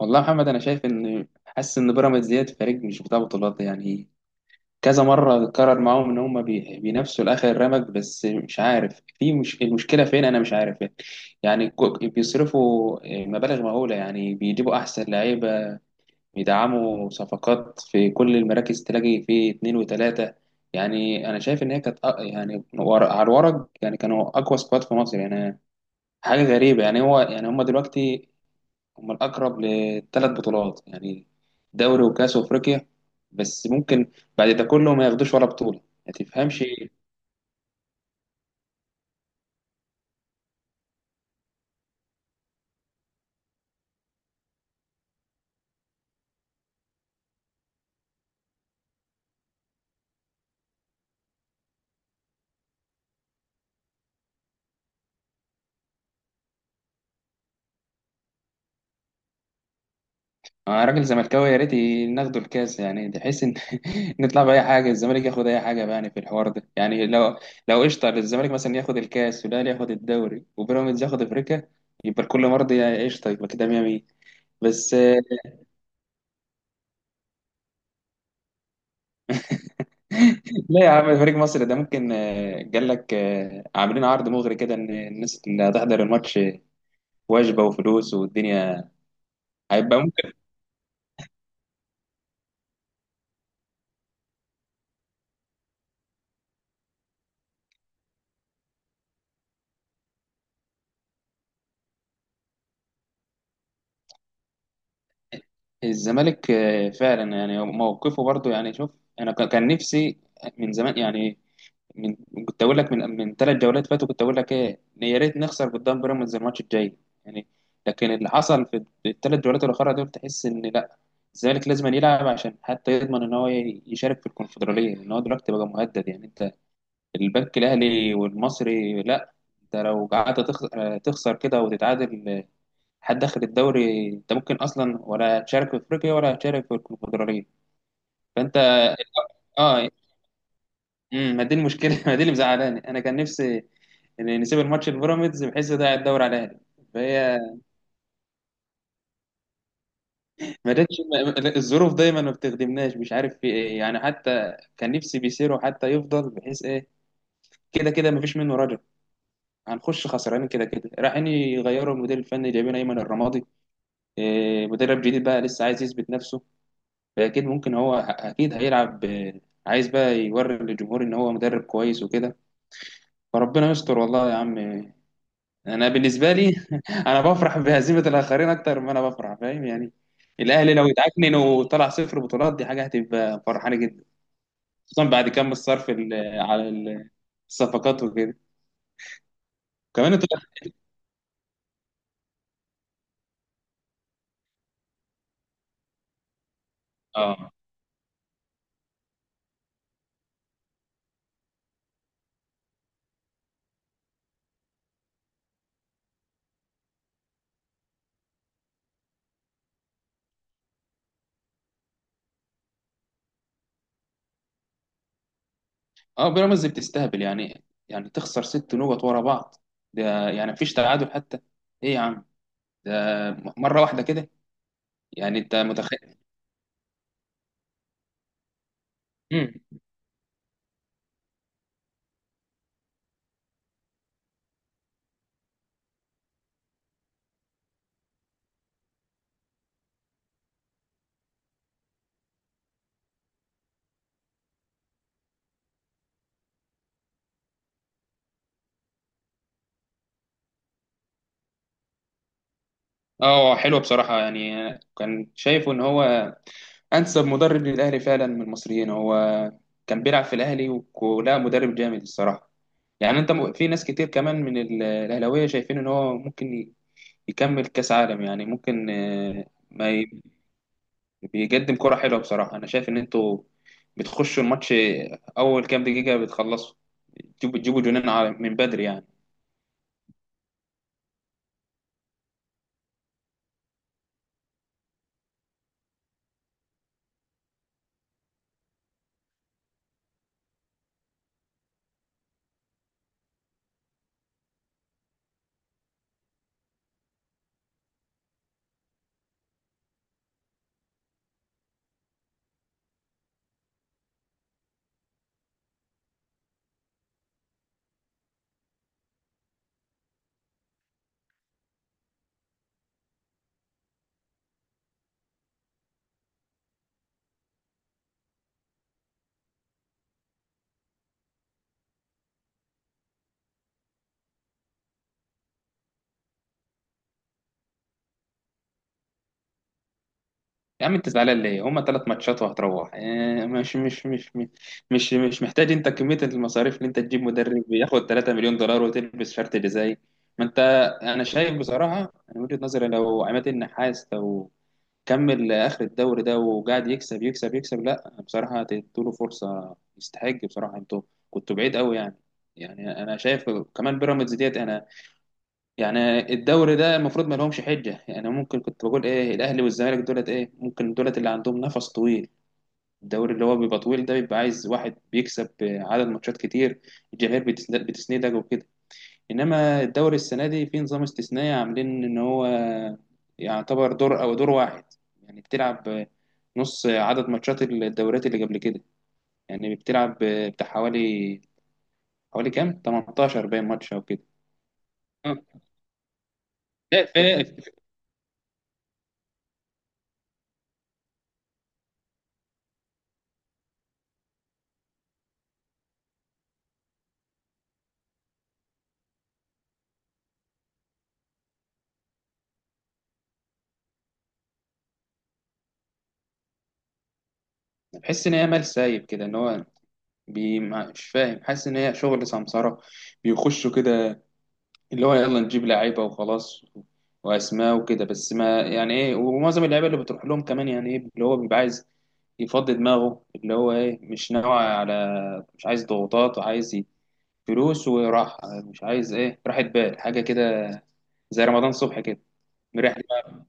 والله يا محمد، انا شايف ان حاسس ان بيراميدز ديت فريق مش بتاع بطولات. يعني كذا مره اتكرر معاهم ان هم بينافسوا لاخر رمق، بس مش عارف في مش المشكله فين، انا مش عارف. يعني بيصرفوا مبالغ مهوله، يعني بيجيبوا احسن لعيبه، بيدعموا صفقات في كل المراكز، تلاقي في اتنين وتلاته. يعني انا شايف ان هي كانت يعني ورق على الورق، يعني كانوا اقوى سكواد في مصر يعني. حاجه غريبه، يعني هو يعني هم دلوقتي هم الأقرب لثلاث بطولات، يعني دوري وكأس وأفريقيا. بس ممكن بعد ده كله ما ياخدوش ولا بطولة. ما تفهمش. أنا راجل زملكاوي، يا ريت ناخدوا الكاس، يعني تحس إن نطلع بأي حاجة. الزمالك ياخد أي حاجة بقى يعني في الحوار ده، يعني لو لو قشطة الزمالك مثلا ياخد الكاس، والأهلي ياخد الدوري، وبيراميدز ياخد أفريقيا، يبقى الكل مرضي، يا قشطة. يبقى كده 100 100. بس آه، لا يا عم، فريق مصر ده ممكن قال لك، عاملين عرض مغري كده، ان الناس اللي هتحضر الماتش وجبه وفلوس والدنيا، هيبقى ممكن. الزمالك فعلا يعني موقفه برضو، يعني شوف، انا كان نفسي من زمان يعني. من كنت اقول لك من ثلاث جولات فاتوا، كنت اقول لك ايه، إن يا ريت نخسر قدام بيراميدز الماتش الجاي يعني. لكن اللي حصل في الثلاث جولات الاخرى دول، تحس ان لا، الزمالك لازم يلعب عشان حتى يضمن ان هو يشارك في الكونفدراليه، ان هو دلوقتي بقى مهدد. يعني انت البنك الاهلي والمصري، لا، انت لو قعدت تخسر كده وتتعادل، حد داخل الدوري، انت ممكن اصلا ولا تشارك في افريقيا ولا تشارك في الكونفدراليه. فانت اه ما دي المشكله. ما دي اللي مزعلاني، انا كان نفسي ان نسيب الماتش البيراميدز بحيث ده الدوري على الاهلي. فهي ما جاتش، الظروف دايما ما بتخدمناش، مش عارف في ايه يعني. حتى كان نفسي بيسيرو حتى يفضل بحيث ايه. كده كده ما فيش منه رجل، هنخش خسرانين كده كده. رايحين يغيروا المدير الفني، جايبين ايمن الرمادي، إيه، مدرب جديد بقى لسه عايز يثبت نفسه. فأكيد ممكن هو أكيد هيلعب، عايز بقى يوري للجمهور إن هو مدرب كويس وكده. فربنا يستر والله يا عم. أنا بالنسبة لي، أنا بفرح بهزيمة الآخرين أكتر ما أنا بفرح، فاهم يعني. الأهلي لو اتعكنن وطلع صفر بطولات، دي حاجة هتبقى فرحانة جدا، خصوصا بعد كم الصرف على الصفقات وكده. كمان انت اه اه بيراميدز بتستهبل، يعني يعني تخسر ست نقط ورا بعض. ده يعني مفيش تعادل حتى؟ ايه يا عم، ده مرة واحدة كده، يعني انت متخيل. امم اه حلو بصراحة يعني. كان شايفه ان هو انسب مدرب للاهلي فعلا من المصريين. هو كان بيلعب في الاهلي، ولا مدرب جامد الصراحة. يعني انت في ناس كتير كمان من الاهلاوية شايفين ان هو ممكن يكمل كاس عالم. يعني ممكن آه، ما ي- بيقدم كرة حلوة بصراحة. انا شايف ان انتوا بتخشوا الماتش اول كام دقيقة، بتخلصوا، بتجيبوا جنان من بدري يعني. يا عم انت زعلان ليه؟ هما ثلاث ماتشات وهتروح. اه، مش محتاج انت كمية المصاريف اللي انت تجيب مدرب ياخد 3 مليون دولار وتلبس شرط جزائي. ما انت، انا شايف بصراحة، انا من وجهة نظري، لو عماد النحاس لو كمل اخر الدوري ده وقاعد يكسب يكسب يكسب، لا بصراحة تديله فرصة، يستحق بصراحة. انتوا كنتوا بعيد قوي يعني. يعني انا شايف كمان بيراميدز ديت، انا يعني الدوري ده المفروض ما لهمش حجه. يعني ممكن كنت بقول ايه، الاهلي والزمالك دولت ايه، ممكن دولت اللي عندهم نفس طويل. الدوري اللي هو بيبقى طويل ده، بيبقى عايز واحد بيكسب عدد ماتشات كتير، الجماهير بتسندك وكده. انما الدوري السنه دي في نظام استثنائي، عاملين ان هو يعتبر دور او دور واحد. يعني بتلعب نص عدد ماتشات الدوريات اللي قبل كده. يعني بتلعب بتاع حوالي كام 18 باين ماتش او كده. اه. لا، في- بحس ان هي مال سايب كده. ان هو بي مش فاهم، حاسس ان هي شغل سمسرة، بيخشوا كده اللي هو يلا نجيب لعيبة وخلاص واسماء وكده. بس ما يعني ايه، ومعظم اللعيبة اللي بتروح لهم كمان يعني ايه، اللي هو بيبقى عايز يفضي دماغه، اللي هو ايه، مش ناوي على، مش عايز ضغوطات وعايز فلوس وراحة، مش عايز ايه، راحة بال حاجة كده، زي رمضان صبحي كده، مريح دماغ.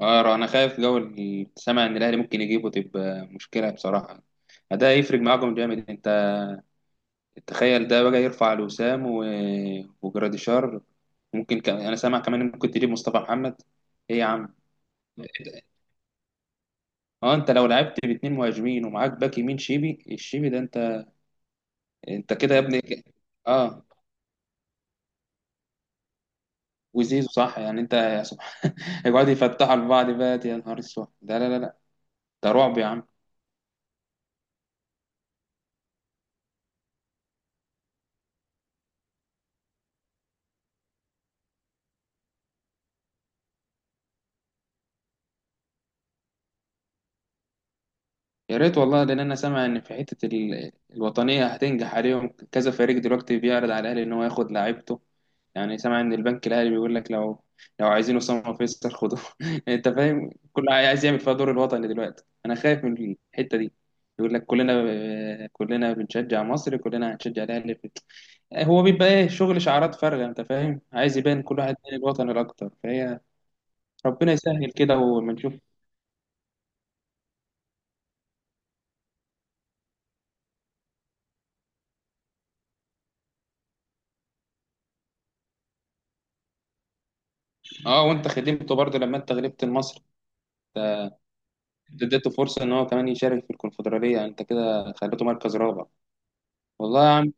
اه انا خايف، جو سامع ان الاهلي ممكن يجيبه، تبقى مشكلة بصراحة. ده هيفرق معاكم جامد، انت تخيل ده بقى يرفع لوسام وجراديشار. ممكن انا سامع كمان إن ممكن تجيب مصطفى محمد. ايه يا عم. اه انت لو لعبت باتنين مهاجمين ومعاك باك يمين شيبي، الشيبي ده انت. انت كده يا ابني اه. وزيزو صح، يعني انت يا سبحان. يقعدوا يفتحوا لبعض بقى، يا نهار اسود. ده لا لا لا، ده رعب يا عم. يا ريت والله، لان انا سامع ان في حته الوطنيه هتنجح، عليهم كذا فريق دلوقتي بيعرض على الاهلي ان هو ياخد لعيبته. يعني سامع ان البنك الاهلي بيقول لك، لو عايزين اسامه فيصل خدوه. انت فاهم، كل عايز يعمل فيها دور الوطني دلوقتي، انا خايف من الحته دي. يقول لك كلنا كلنا بنشجع مصر، كلنا هنشجع الاهلي هو بيبقى ايه، شغل شعارات فارغه، انت فاهم، عايز يبان كل واحد من الوطن الاكتر. فهي ربنا يسهل، كده ولما نشوف. اه، وانت خدمته برضه لما انت غلبت المصري، انت اديته فرصه ان هو كمان يشارك في الكونفدراليه، انت كده خليته مركز رابع. والله يا عم.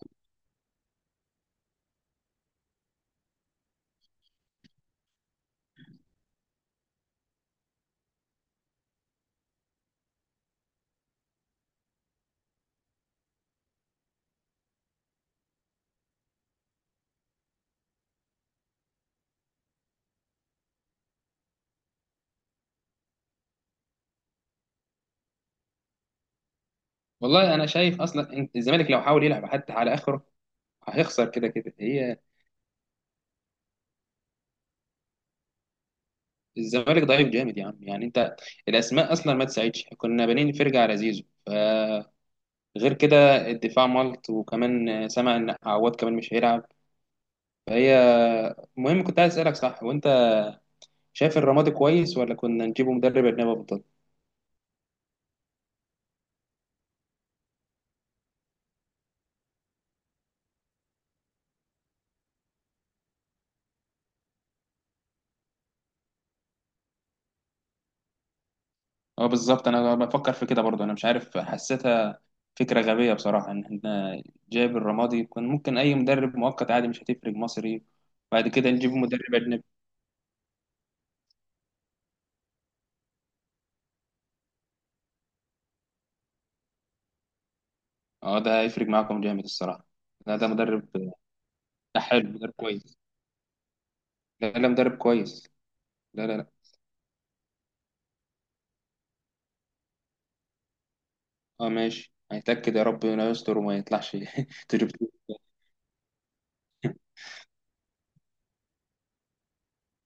والله انا شايف اصلا إن الزمالك لو حاول يلعب حتى على اخره هيخسر كده كده هي. الزمالك ضعيف جامد يا عم، يعني انت الاسماء اصلا ما تساعدش، كنا بانين فرجه على زيزو فغير كده الدفاع ملط، وكمان سمع ان عواد كمان مش هيلعب، فهي. المهم كنت عايز اسالك، صح وانت شايف الرمادي كويس، ولا كنا نجيبه مدرب اجنبي افضل؟ اه بالظبط، انا بفكر في كده برضه، انا مش عارف حسيتها فكره غبيه بصراحه ان احنا جايب الرمادي. كان ممكن اي مدرب مؤقت عادي مش هتفرق، مصري. بعد كده نجيب مدرب اجنبي. اه ده هيفرق معاكم جامد الصراحه. لا ده مدرب. لا حلو، مدرب كويس. لا لا، مدرب كويس. لا لا لا. اه ماشي، هيتاكد، يا رب انه يستر وما يطلعش تجربته.